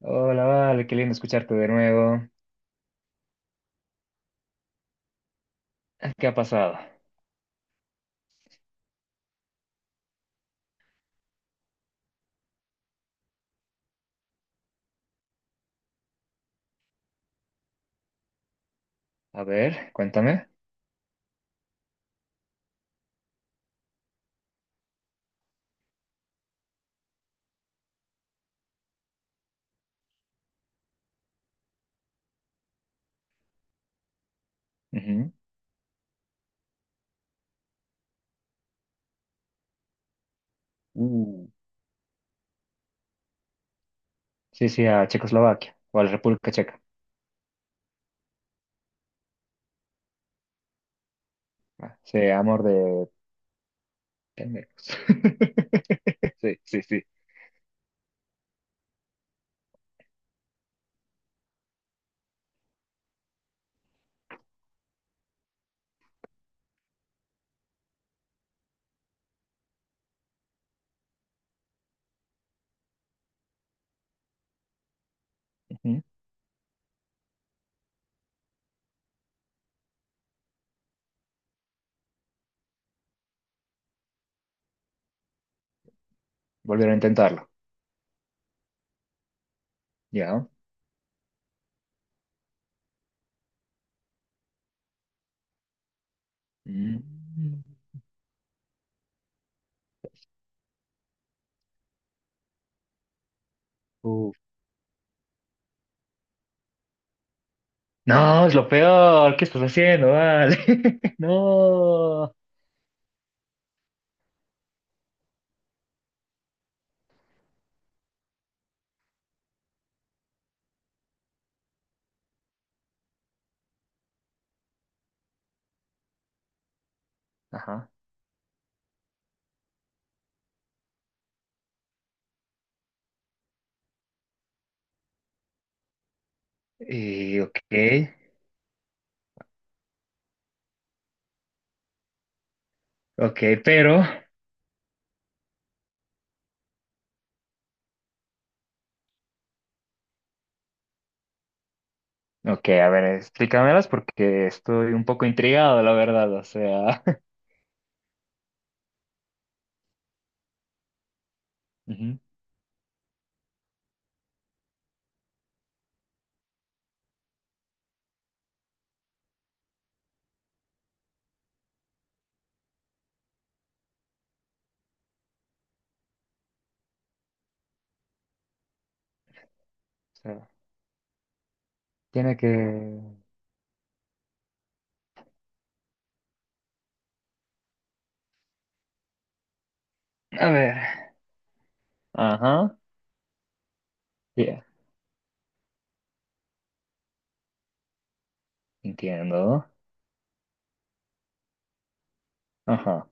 Hola, Vale, qué lindo escucharte de nuevo. Ah, ¿qué ha pasado? A ver, cuéntame. Ujú. Uh, Sí, sí, a Checoslovaquia o a la República Checa. Ah, sí, amor de pendejos. Sí, sí, sí. Ujú. Volvieron a intentarlo. Ya. Mm. Uh. No, es lo peor. ¿Qué estás haciendo, Vale? No. Ajá. Y, ok, ok, pero. Ok, a ver, explícamelas porque estoy un poco intrigado, la verdad, Ujú, sea, tiene que... A ver. Ajá. Ya, entiendo. Ajá.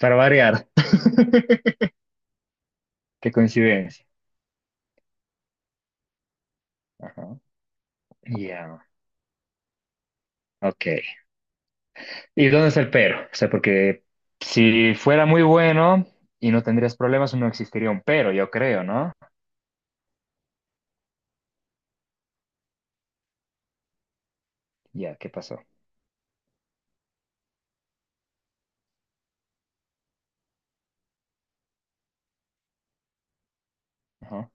Para variar. Qué coincidencia. Ajá. Ya. Ok. ¿Y dónde está el pero? O sea, porque si fuera muy bueno y no tendrías problemas, no existiría un pero, yo creo, ¿no? Ya, ¿qué pasó? Ajá.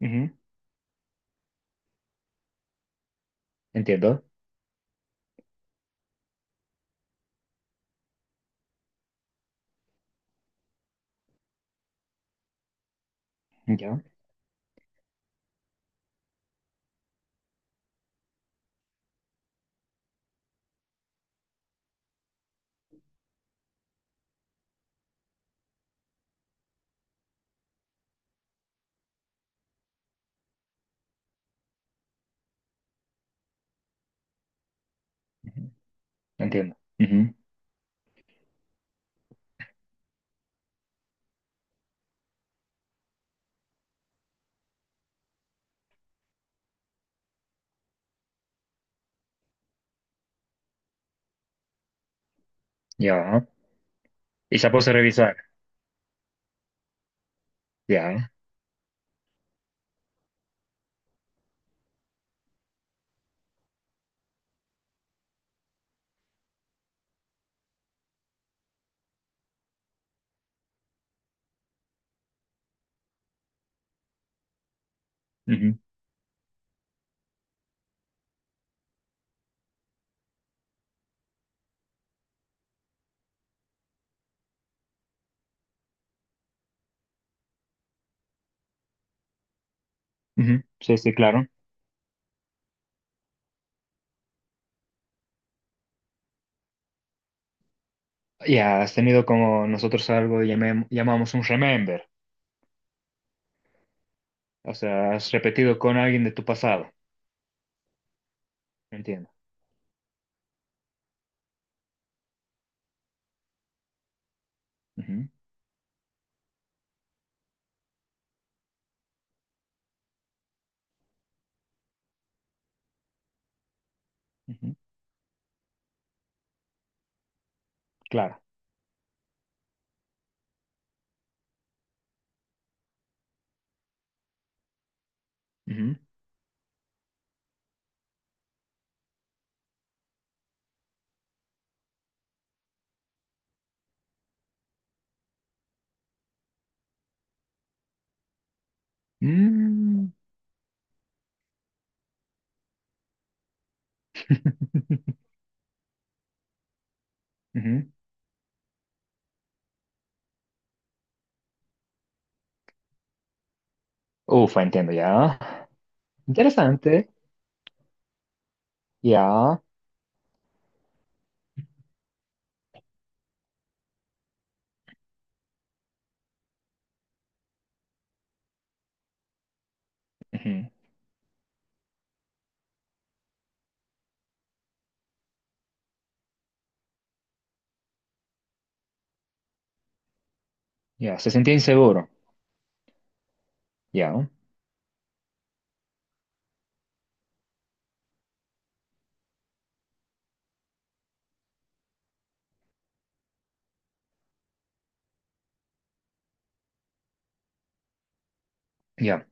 Ujú, entiendo. Ya. Ujú, entiendo. Ujú. Ya. Y se puso a revisar. Ya. Ujú, ujú. Sí, sí, claro. Ya has tenido como nosotros algo que llamamos un remember. O sea, has repetido con alguien de tu pasado. Entiendo. Ujú, ujú. Claro. Ujú. Mm. Ujú. Ufa, entiendo, ya. Interesante. Ya. Ujú. Ya, se sentía inseguro. Ya, ya,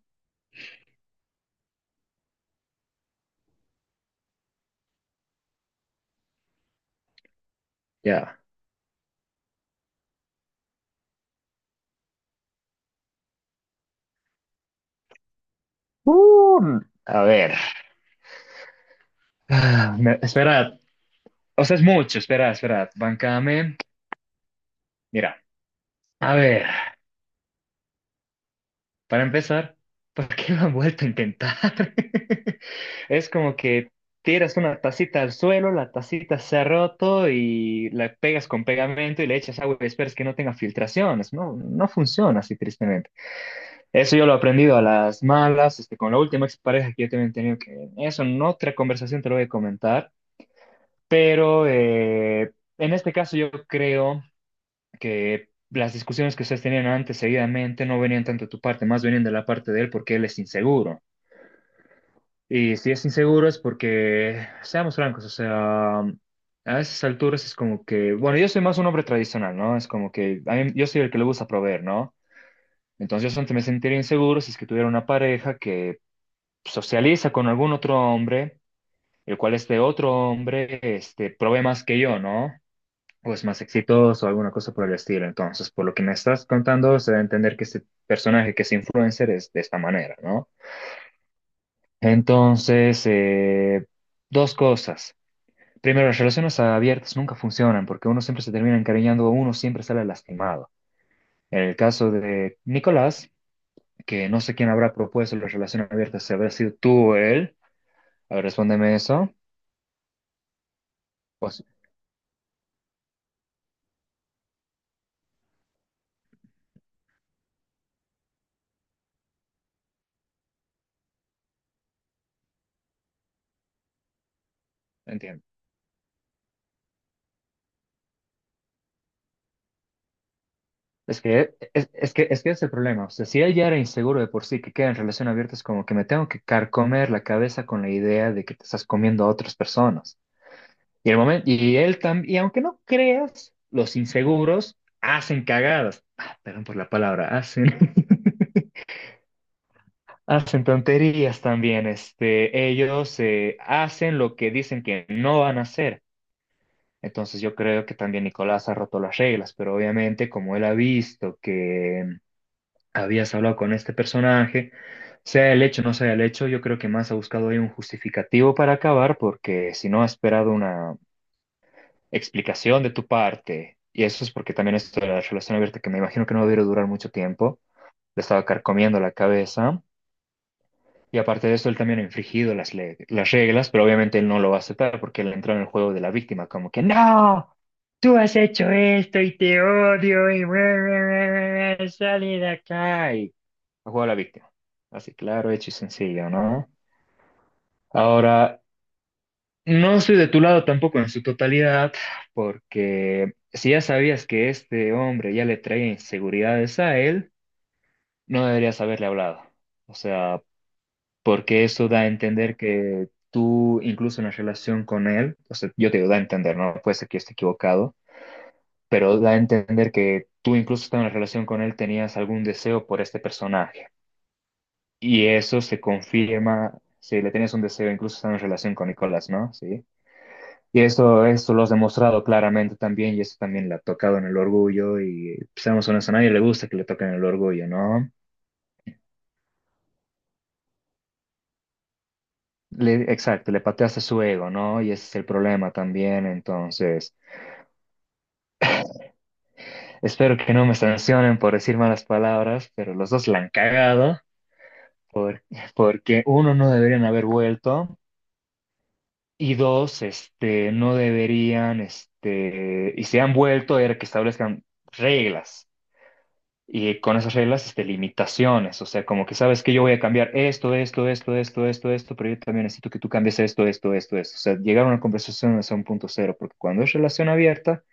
ya. Uh, a ver. Esperad. O sea, es mucho. Esperad. Bancame. Mira. A ver. Para empezar, ¿por qué lo han vuelto a intentar? Es como que tiras una tacita al suelo, la tacita se ha roto y la pegas con pegamento y le echas agua y esperas que no tenga filtraciones. No, no funciona así, tristemente. Eso yo lo he aprendido a las malas, este, con la última expareja que yo también he tenido, que eso en otra conversación te lo voy a comentar. Pero en este caso yo creo que las discusiones que ustedes tenían antes seguidamente no venían tanto de tu parte, más venían de la parte de él porque él es inseguro. Y si es inseguro es porque, seamos francos, o sea, a esas alturas es como que, bueno, yo soy más un hombre tradicional, ¿no? Es como que yo soy el que le gusta proveer, ¿no? Entonces yo solamente me sentiría inseguro si es que tuviera una pareja que socializa con algún otro hombre, el cual este otro hombre, este, provee más que yo, ¿no? Pues más exitoso o alguna cosa por el estilo. Entonces, por lo que me estás contando, se da a entender que este personaje, que es influencer, es de esta manera, ¿no? Entonces, dos cosas. Primero, las relaciones abiertas nunca funcionan porque uno siempre se termina encariñando, uno siempre sale lastimado. En el caso de Nicolás, que no sé quién habrá propuesto las relaciones abiertas, si habrá sido tú o él, a ver, respóndeme eso. Pues, entiendo. Es que es el problema. O sea, si él ya era inseguro de por sí, que queda en relación abierta, es como que me tengo que carcomer la cabeza con la idea de que te estás comiendo a otras personas. Y el momento, y él también, y aunque no creas, los inseguros hacen cagadas. Ah, perdón por la palabra, hacen tonterías también. Este, ellos hacen lo que dicen que no van a hacer. Entonces yo creo que también Nicolás ha roto las reglas, pero obviamente como él ha visto que habías hablado con este personaje, sea el hecho o no sea el hecho, yo creo que más ha buscado ahí un justificativo para acabar, porque si no ha esperado una explicación de tu parte, y eso es porque también esto de la relación abierta, que me imagino que no debió durar mucho tiempo, le estaba carcomiendo la cabeza, y aparte de eso, él también ha infringido las reglas, pero obviamente él no lo va a aceptar porque él entró en el juego de la víctima, como que no. Tú has hecho esto y te odio y sale de acá. Y el juego de la víctima. Así claro, hecho y sencillo, ¿no? Ahora, no estoy de tu lado tampoco en su totalidad, porque si ya sabías que este hombre ya le traía inseguridades a él, no deberías haberle hablado. O sea, porque eso da a entender que tú, incluso en la relación con él, o sea, yo te digo, da a entender, ¿no? Puede ser que yo esté equivocado, pero da a entender que tú incluso estando en la relación con él tenías algún deseo por este personaje. Y eso se confirma si le tienes un deseo, incluso estando en relación con Nicolás, ¿no? Sí. Y eso lo has demostrado claramente también, y eso también le ha tocado en el orgullo, y pues, seamos honestos, a nadie le gusta que le toquen el orgullo, ¿no? Exacto, le pateaste su ego, ¿no? Y ese es el problema también, entonces, espero que no me sancionen por decir malas palabras, pero los dos la han cagado, porque uno, no deberían haber vuelto, y dos, este, no deberían, este, y se han vuelto a ver que establezcan reglas y con esas reglas, este, limitaciones. O sea, como que sabes que yo voy a cambiar esto, esto, esto, esto, esto, esto, pero yo también necesito que tú cambies esto, esto, esto, esto. O sea, llegar a una conversación es un punto cero, porque cuando es relación abierta,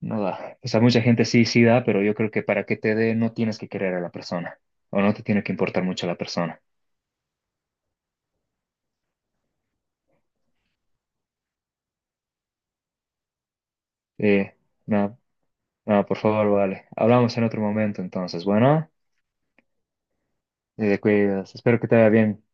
no da. O sea, mucha gente sí, sí da, pero yo creo que para que te dé no tienes que querer a la persona o no te tiene que importar mucho la persona. Eh, no nada, por favor, vale. Hablamos en otro momento entonces. Bueno. Te cuidas. Espero que te vaya bien.